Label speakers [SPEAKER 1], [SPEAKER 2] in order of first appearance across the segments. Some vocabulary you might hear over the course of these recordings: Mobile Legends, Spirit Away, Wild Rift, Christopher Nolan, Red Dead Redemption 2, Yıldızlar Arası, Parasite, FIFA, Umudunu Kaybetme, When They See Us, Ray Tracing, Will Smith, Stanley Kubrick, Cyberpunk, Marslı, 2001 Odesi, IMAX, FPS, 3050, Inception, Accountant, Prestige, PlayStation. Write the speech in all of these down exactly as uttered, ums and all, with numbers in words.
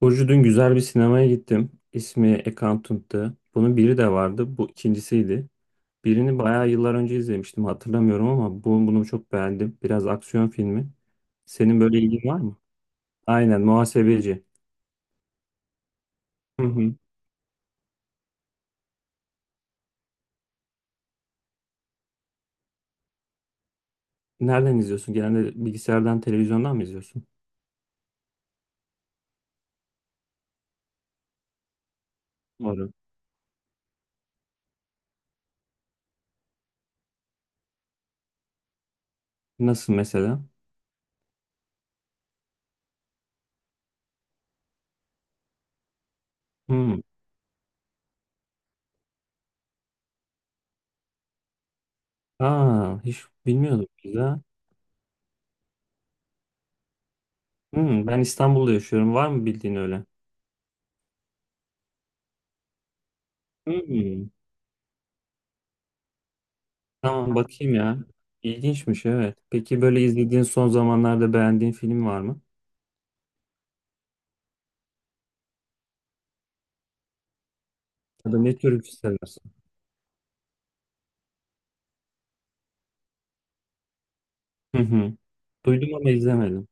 [SPEAKER 1] Burcu dün güzel bir sinemaya gittim. İsmi Accountant'tı. Bunun biri de vardı. Bu ikincisiydi. Birini bayağı yıllar önce izlemiştim. Hatırlamıyorum ama bu, bunu çok beğendim. Biraz aksiyon filmi. Senin böyle ilgin var mı? Aynen, muhasebeci. Hı hı. Nereden izliyorsun? Genelde bilgisayardan, televizyondan mı izliyorsun? Doğru. Nasıl mesela? Hı. Aa, hiç bilmiyordum, güzel. Hı, ben İstanbul'da yaşıyorum. Var mı bildiğin öyle? Hı. Tamam, bakayım ya. İlginçmiş, evet. Peki böyle izlediğin son zamanlarda beğendiğin film var mı? Ya da ne tür bir seversin? Hı hı. Duydum ama izlemedim.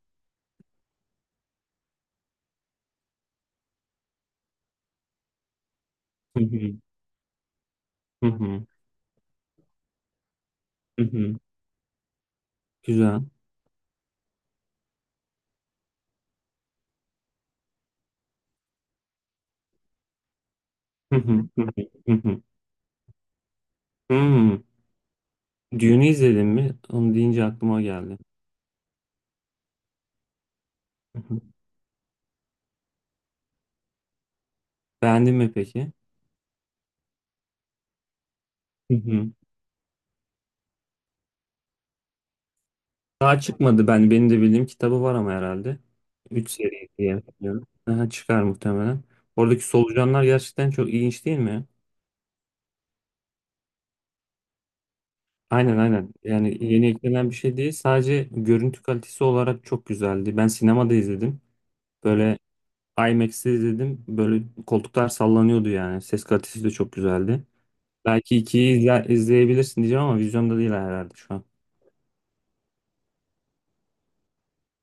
[SPEAKER 1] Hı hı. Hı hı. Hı hı. Güzel. Hı hı. Hı hı. Hı hı. Hmm. Düğünü izledin mi? Onu deyince aklıma geldi. Hı hı. Beğendin mi peki? Hı hı. Daha çıkmadı ben. Benim de bildiğim kitabı var ama herhalde. Üç seri diye biliyorum. Aha, çıkar muhtemelen. Oradaki solucanlar gerçekten çok ilginç değil mi? Aynen, aynen. Yani yeni eklenen bir şey değil. Sadece görüntü kalitesi olarak çok güzeldi. Ben sinemada izledim. Böyle I M A X'te izledim. Böyle koltuklar sallanıyordu yani. Ses kalitesi de çok güzeldi. Belki ikiyi izle- izleyebilirsin diyeceğim ama vizyonda değil herhalde şu an.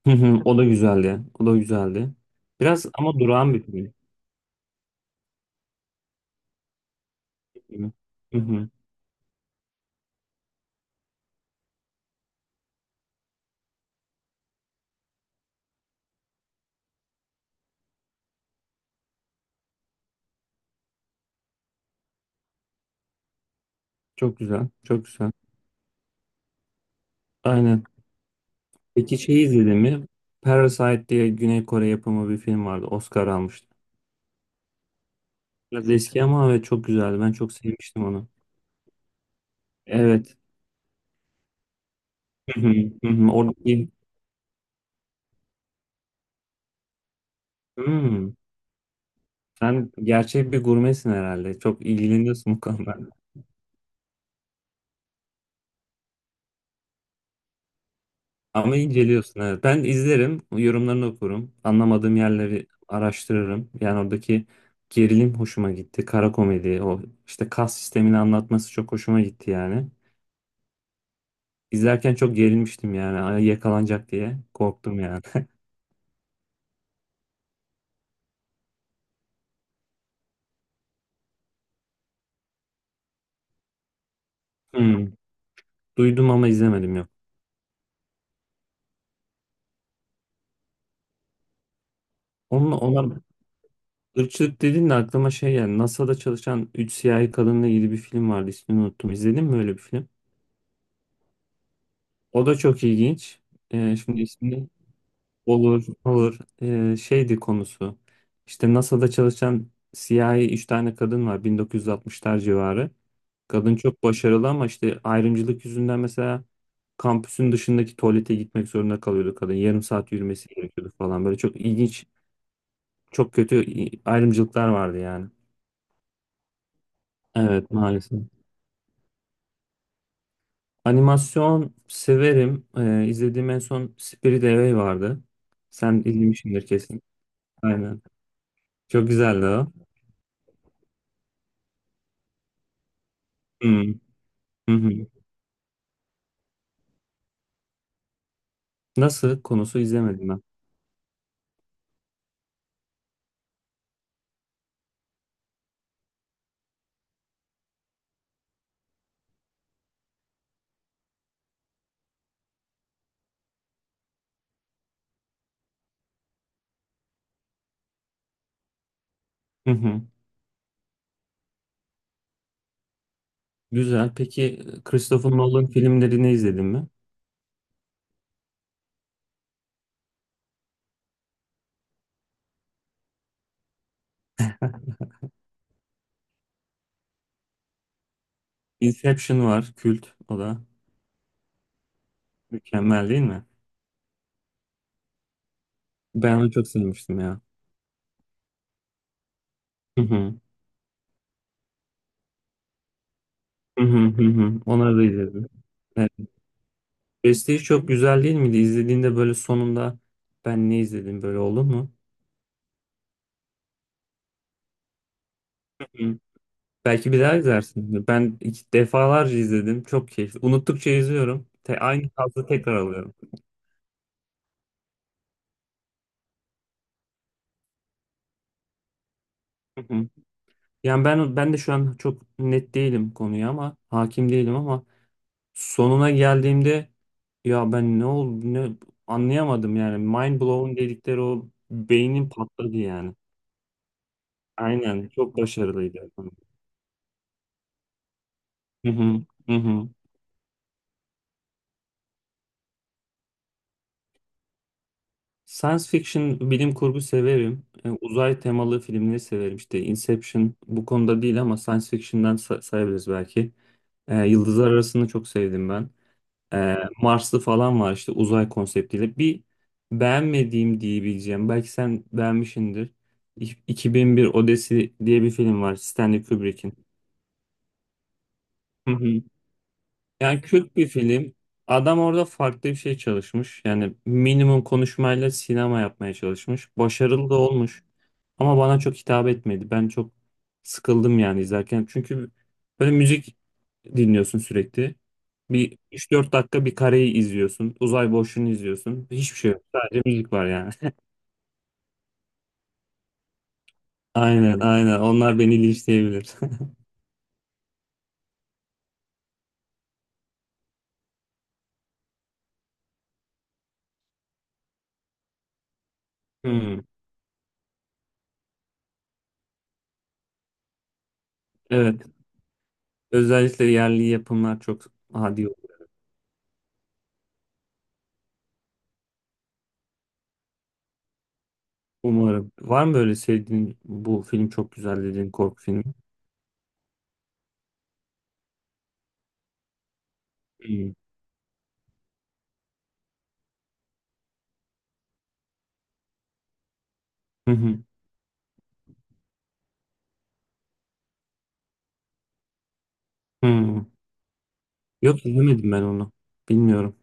[SPEAKER 1] Hı hı. O da güzeldi. O da güzeldi. Biraz ama durağan bir film. Hı hı. Çok güzel. Çok güzel. Aynen. Peki şeyi izledin mi? Parasite diye Güney Kore yapımı bir film vardı. Oscar almıştı. Biraz eski ama evet çok güzeldi. Ben çok sevmiştim onu. Evet. Hı hı, hı hı. Oradaki hmm. Sen gerçek bir gurmesin herhalde. Çok ilgileniyorsun bu konuda. Ama inceliyorsun, evet. Ben izlerim, yorumlarını okurum. Anlamadığım yerleri araştırırım. Yani oradaki gerilim hoşuma gitti. Kara komedi, o işte kas sistemini anlatması çok hoşuma gitti yani. İzlerken çok gerilmiştim yani. Ay, yakalanacak diye korktum yani. Hmm. Duydum ama izlemedim, yok. Onunla, ona Irkçılık dedin de aklıma şey yani NASA'da çalışan üç siyahi kadınla ilgili bir film vardı, ismini unuttum. İzledin mi öyle bir film? O da çok ilginç. Ee, şimdi ismini. Olur, olur. Ee, şeydi konusu. İşte NASA'da çalışan siyahi üç tane kadın var, bin dokuz yüz altmışlar civarı. Kadın çok başarılı ama işte ayrımcılık yüzünden mesela kampüsün dışındaki tuvalete gitmek zorunda kalıyordu kadın. Yarım saat yürümesi gerekiyordu falan. Böyle çok ilginç, çok kötü ayrımcılıklar vardı yani. Evet, maalesef. Animasyon severim. Ee, izlediğim en son Spirit Away vardı. Sen izlemişsindir kesin. Aynen. Çok güzeldi o. Hmm, hı hı. Nasıl? Konusu izlemedim ben. Hı hı. Güzel. Peki Christopher Nolan filmlerini izledin mi? Inception var. Kült. O da mükemmel değil mi? Ben onu çok sevmiştim ya. Hı hı. Hı hı, hı hı. Onları da izledim. Evet. Prestige çok güzel değil miydi? İzlediğinde böyle sonunda ben ne izledim böyle oldu mu? Belki bir daha izlersin. Ben iki- defalarca izledim. Çok keyifli. Unuttukça izliyorum. Te- aynı tarzı tekrar alıyorum. Hı hı. Yani ben ben de şu an çok net değilim konuya ama hakim değilim ama sonuna geldiğimde ya ben ne oldu ne anlayamadım yani mind blown dedikleri o beynin patladı yani. Aynen, çok başarılıydı. Hı hı. Hı hı. Science fiction, bilim kurgu severim. E, Uzay temalı filmleri severim. İşte Inception bu konuda değil ama science fiction'dan sa- sayabiliriz belki. E, Yıldızlar Arası'nı çok sevdim ben. E, Marslı falan var işte uzay konseptiyle. Bir beğenmediğim diyebileceğim. Belki sen beğenmişsindir. İ- iki bin bir Odesi diye bir film var Stanley Kubrick'in. Yani kült bir film. Adam orada farklı bir şey çalışmış. Yani minimum konuşmayla sinema yapmaya çalışmış. Başarılı da olmuş. Ama bana çok hitap etmedi. Ben çok sıkıldım yani izlerken. Çünkü böyle müzik dinliyorsun sürekli. Bir üç dört dakika bir kareyi izliyorsun. Uzay boşluğunu izliyorsun. Hiçbir şey yok. Sadece müzik var yani. Aynen, aynen. Onlar beni linçleyebilir. Hmm, evet. Özellikle yerli yapımlar çok. Hadi, umarım. Var mı böyle sevdiğin, bu film çok güzel dediğin korku filmi? Hmm. Hı hı. Hı. Yok, izlemedim ben onu. Bilmiyorum.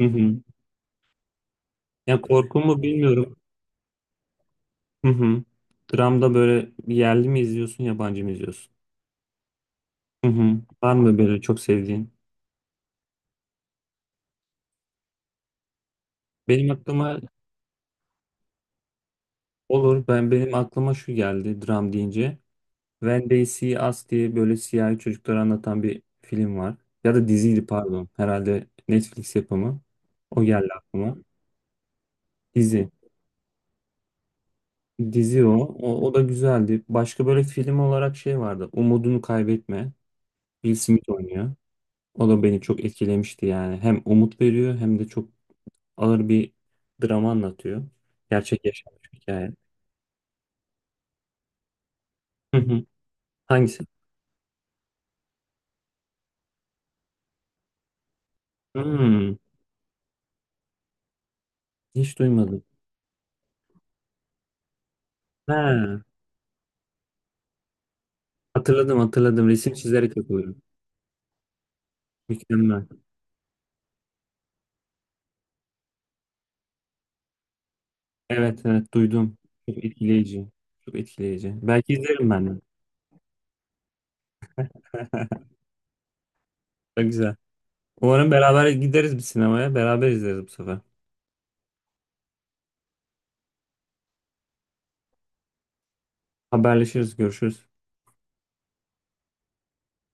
[SPEAKER 1] Hı hı. Ya korku mu, bilmiyorum. Hı hı. Dramda böyle yerli mi izliyorsun, yabancı mı izliyorsun? Hı hı. Var mı böyle çok sevdiğin? Benim aklıma. Olur. Ben benim aklıma şu geldi dram deyince. When They See Us diye böyle siyahi çocukları anlatan bir film var. Ya da diziydi, pardon. Herhalde Netflix yapımı. O geldi aklıma. Dizi. Dizi o. O, o da güzeldi. Başka böyle film olarak şey vardı. Umudunu Kaybetme. Will Smith oynuyor. O da beni çok etkilemişti yani. Hem umut veriyor hem de çok ağır bir drama anlatıyor. Gerçek yaşanmış bir hikaye. Hı hı. Hangisi? Hmm, hiç duymadım. Ha, hatırladım, hatırladım. Resim çizerek yapıyorum. Mükemmel. Evet, evet, duydum. Çok etkileyici. Çok etkileyici. Belki izlerim ben de. Çok güzel. Umarım beraber gideriz bir sinemaya. Beraber izleriz bu sefer. Haberleşiriz, görüşürüz.